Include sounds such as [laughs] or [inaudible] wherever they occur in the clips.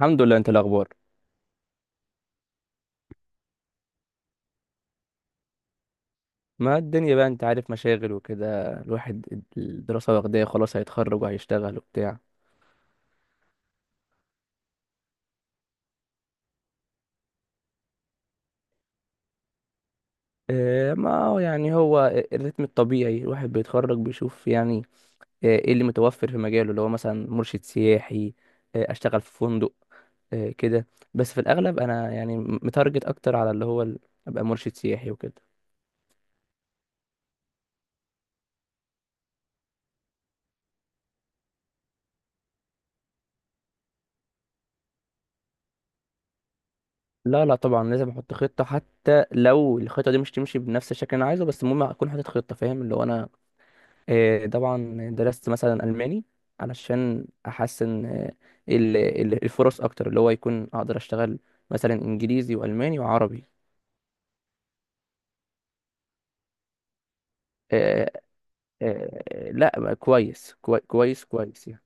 الحمد لله. انت إيه الاخبار؟ ما الدنيا بقى، انت عارف، مشاغل وكده، الواحد الدراسة واخداه، خلاص هيتخرج وهيشتغل وبتاع. اه، ما هو يعني هو الريتم الطبيعي الواحد بيتخرج بيشوف يعني. اه، ايه اللي متوفر في مجاله، اللي هو مثلا مرشد سياحي. اه، اشتغل في فندق. اه، كده. بس في الاغلب انا يعني متارجت اكتر على اللي هو ابقى مرشد سياحي وكده. لا، طبعا لازم احط خطة، حتى لو الخطة دي مش تمشي بنفس الشكل اللي انا عايزه، بس المهم اكون حاطط خطة، فاهم؟ اللي هو انا طبعا درست مثلا ألماني علشان أحسن. الفرص أكتر، اللي هو يكون أقدر أشتغل مثلا إنجليزي وألماني وعربي. آه، لا، كويس، كويس كويس يعني.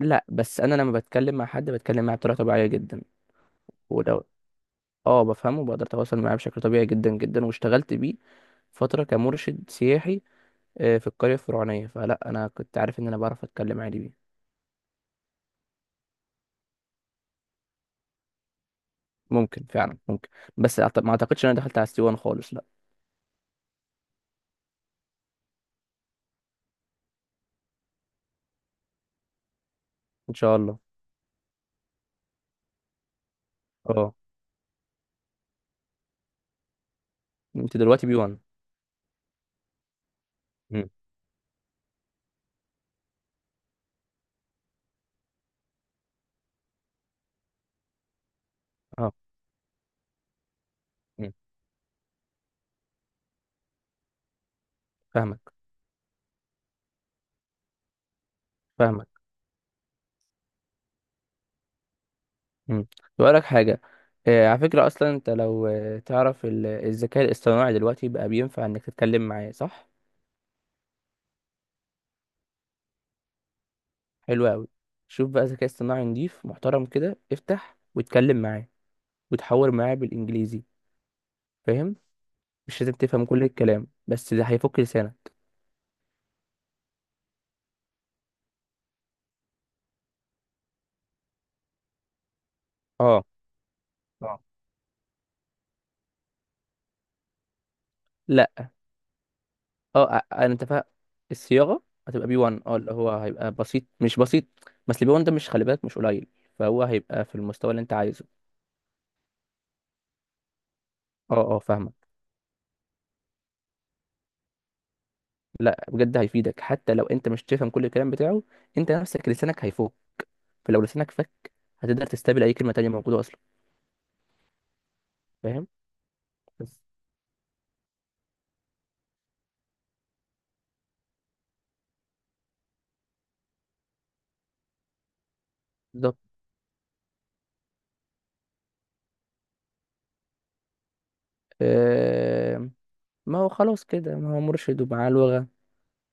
لا، بس أنا لما بتكلم مع حد بتكلم معاه بطريقة طبيعية جدا. ولو اه بفهمه، بقدر أتواصل معاه بشكل طبيعي جدا جدا، واشتغلت بيه فترة كمرشد سياحي. في القرية الفرعونية، فلا أنا كنت عارف إن أنا بعرف أتكلم عادي بيه. ممكن، فعلا ممكن. بس ما أعتقدش إن أنا دخلت على السيوان خالص. ان شاء الله. اه. انت دلوقتي بي 1؟ مم. اه. مم. فاهمك، فاهمك. امم. لك حاجه. آه، على فكره، اصلا انت لو تعرف الذكاء الاصطناعي دلوقتي بقى بينفع انك تتكلم معاه، صح؟ حلو قوي. شوف بقى ذكاء اصطناعي نضيف محترم كده، افتح واتكلم معاه وتحاور معاه بالانجليزي. فاهم؟ مش لازم تفهم كل الكلام، بس ده هيفك لسانك. اه. اه. لا. اه، انت فاهم، الصياغه هتبقى بي 1. اه، اللي هو هيبقى بسيط، مش بسيط. بس البي 1 ده، مش خلي بالك، مش قليل. فهو هيبقى في المستوى اللي انت عايزه. اه، اه، فاهمك. لا، بجد هيفيدك. حتى لو انت مش تفهم كل الكلام بتاعه، انت نفسك لسانك هيفوق. فلو لسانك فك، هتقدر تستقبل اي كلمه تانية موجوده اصلا. فاهم. بس. بالظبط. آه، ما هو خلاص كده، ما هو مرشد ومعاه لغه.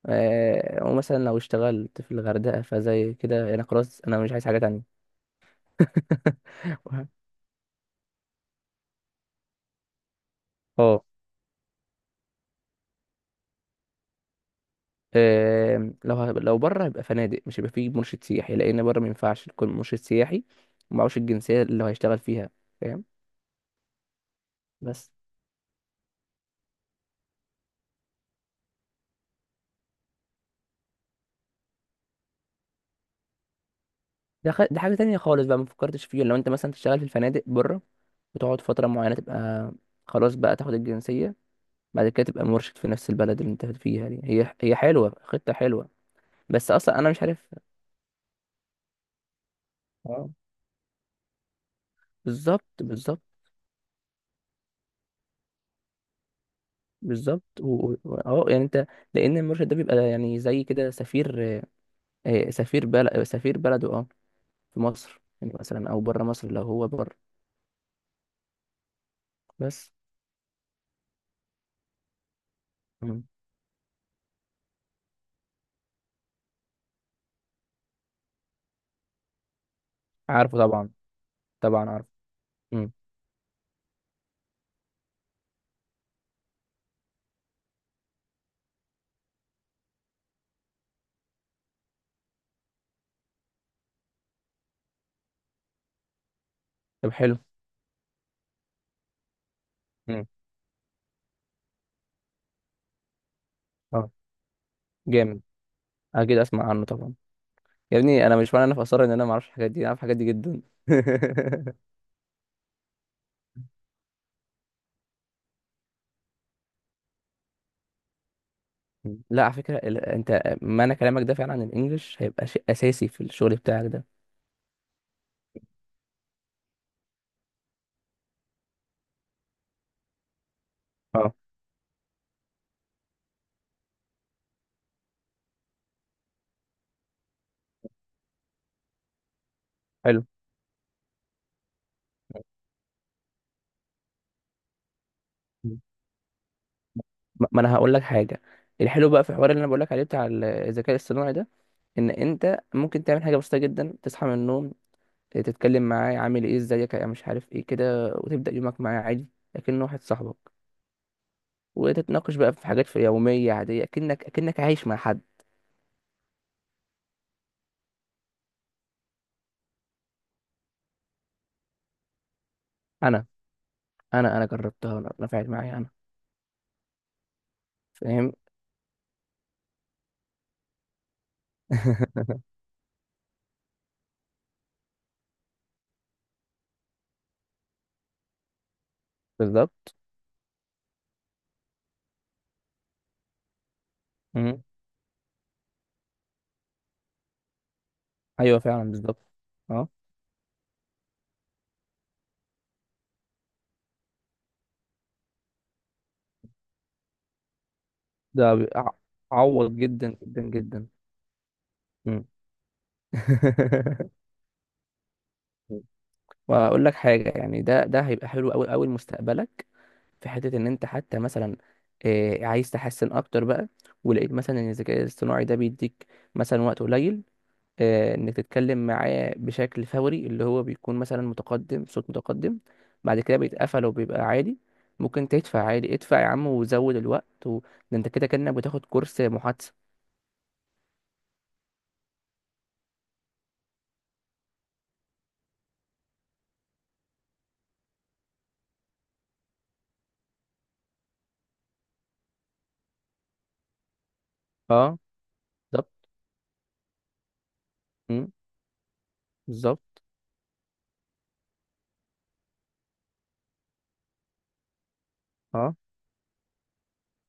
آه، ومثلا لو اشتغلت في الغردقه، فزي كده انا خلاص، انا مش عايز حاجه تانية. [laughs] اه. آم، لو لو بره هيبقى فنادق، مش هيبقى فيه مرشد سياحي. لان بره ما ينفعش يكون مرشد سياحي ومعهوش الجنسيه اللي هو هيشتغل فيها. فاهم؟ بس ده ده حاجه تانية خالص بقى، ما فكرتش فيه. لو انت مثلا تشتغل في الفنادق بره، وتقعد فتره معينه، تبقى خلاص بقى تاخد الجنسيه. بعد كده تبقى مرشد في نفس البلد اللي انت فيها دي. هي حلوه، خطه حلوه. بس اصلا انا مش عارف. اه. بالظبط، بالظبط. بالظبط، يعني انت، لان المرشد ده بيبقى يعني زي كده سفير. آه، سفير بلد، سفير بلده، اه، في مصر يعني مثلا، او بره مصر لو هو بره. بس. مم. عارفه طبعا. طبعا عارفه. امم. طب حلو. مم. اه. جامد. اكيد اسمع عنه طبعا. يا ابني انا، مش معنى انا في اثار ان انا ما اعرفش الحاجات دي، انا اعرف الحاجات دي جدا. [laughs] مم. لا، على فكره، انت معنى كلامك ده، فعلا الانجليش هيبقى شيء اساسي في الشغل بتاعك ده. اه. حلو. مم. ما انا هقول لك حاجه. الحلو بقى في الحوار اللي انا بقول لك عليه، بتاع الذكاء الاصطناعي ده، ان انت ممكن تعمل حاجه بسيطه جدا. تصحى من النوم، تتكلم معاه، عامل ايه، ازيك، يا مش عارف ايه كده، وتبدأ يومك معاه عادي لكنه واحد صاحبك. وتتناقش بقى في حاجات في يومية عادية، اكنك عايش مع حد. انا انا جربتها انا، نفعت معايا انا. فاهم. [laughs] بالظبط. مم. ايوه فعلا، بالظبط. اه. ده عوض جدا جدا جدا. مم. [laughs] واقول لك حاجه يعني، ده هيبقى حلو قوي قوي لمستقبلك. في حته ان انت حتى مثلا آه، عايز تحسن اكتر بقى، ولقيت مثلا ان الذكاء الاصطناعي ده بيديك مثلا وقت قليل، آه، انك تتكلم معاه بشكل فوري، اللي هو بيكون مثلا متقدم، صوت متقدم. بعد كده بيتقفل وبيبقى عادي. ممكن تدفع عادي، ادفع يا عم وزود الوقت و... ده انت كده كأنك بتاخد كورس محادثة. اه، بالظبط. مم، بالظبط. اه،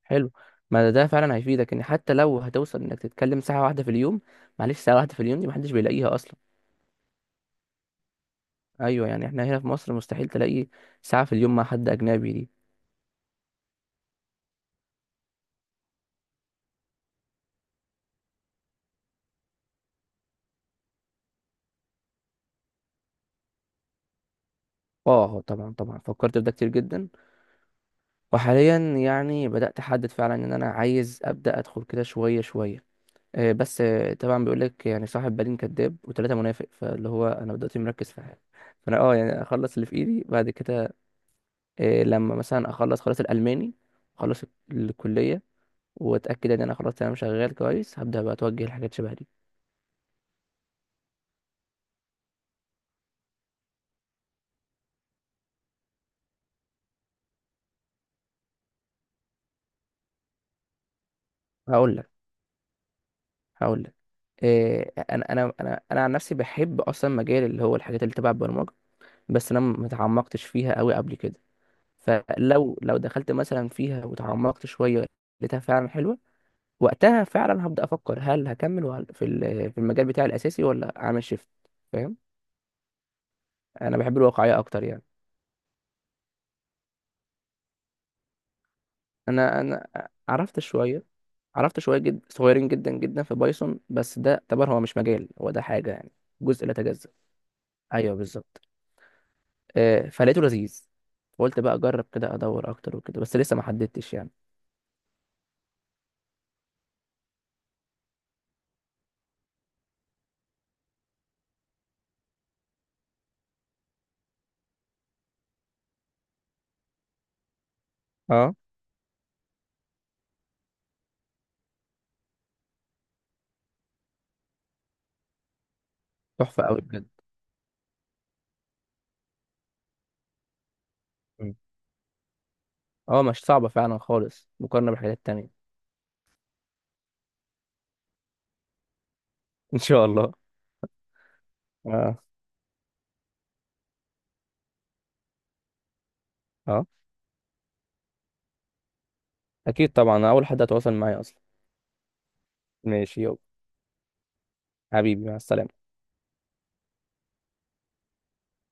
حلو. ما ده فعلا هيفيدك، ان حتى لو هتوصل انك تتكلم ساعة واحدة في اليوم. معلش، ساعة واحدة في اليوم دي محدش بيلاقيها اصلا. ايوه، يعني احنا هنا في مصر مستحيل تلاقي ساعة في اليوم مع حد اجنبي دي. اه طبعا، طبعا فكرت في ده كتير جدا. وحاليا يعني بدأت احدد فعلا ان انا عايز ابدأ ادخل كده شوية شوية. آه، بس آه، طبعا بيقول لك يعني، صاحب بالين كذاب وثلاثة منافق. فاللي هو انا دلوقتي مركز في حاجة، فانا اه يعني اخلص اللي في ايدي، بعد كده آه، لما مثلا اخلص خلاص الالماني، اخلص الكلية، واتاكد ان انا خلاص انا شغال كويس، هبدا بقى اتوجه لحاجات شبه دي. هقول لك، هقول لك إيه، انا عن نفسي بحب اصلا مجال اللي هو الحاجات اللي تبع البرمجه. بس انا ما اتعمقتش فيها قوي قبل كده. فلو دخلت مثلا فيها وتعمقت شويه، لقيتها فعلا حلوه، وقتها فعلا هبدا افكر هل هكمل في في المجال بتاعي الاساسي، ولا اعمل شيفت. فاهم. انا بحب الواقعيه اكتر يعني. انا عرفت شويه، عرفت شويه جد صغيرين جدا جدا في بايثون. بس ده اعتبر هو مش مجال، هو ده حاجه يعني جزء لا يتجزأ. ايوه، بالظبط. آه، فلقيته لذيذ. قلت بقى اجرب كده، ادور اكتر وكده، بس لسه ما حددتش يعني. اه، تحفه قوي بجد. مم. اه، مش صعبه فعلا خالص مقارنه بالحاجات التانية. [laughs] ان شاء الله. اه، اه. اكيد طبعا، أنا اول حد هتواصل معايا اصلا. ماشي يلا. حبيبي مع السلامه.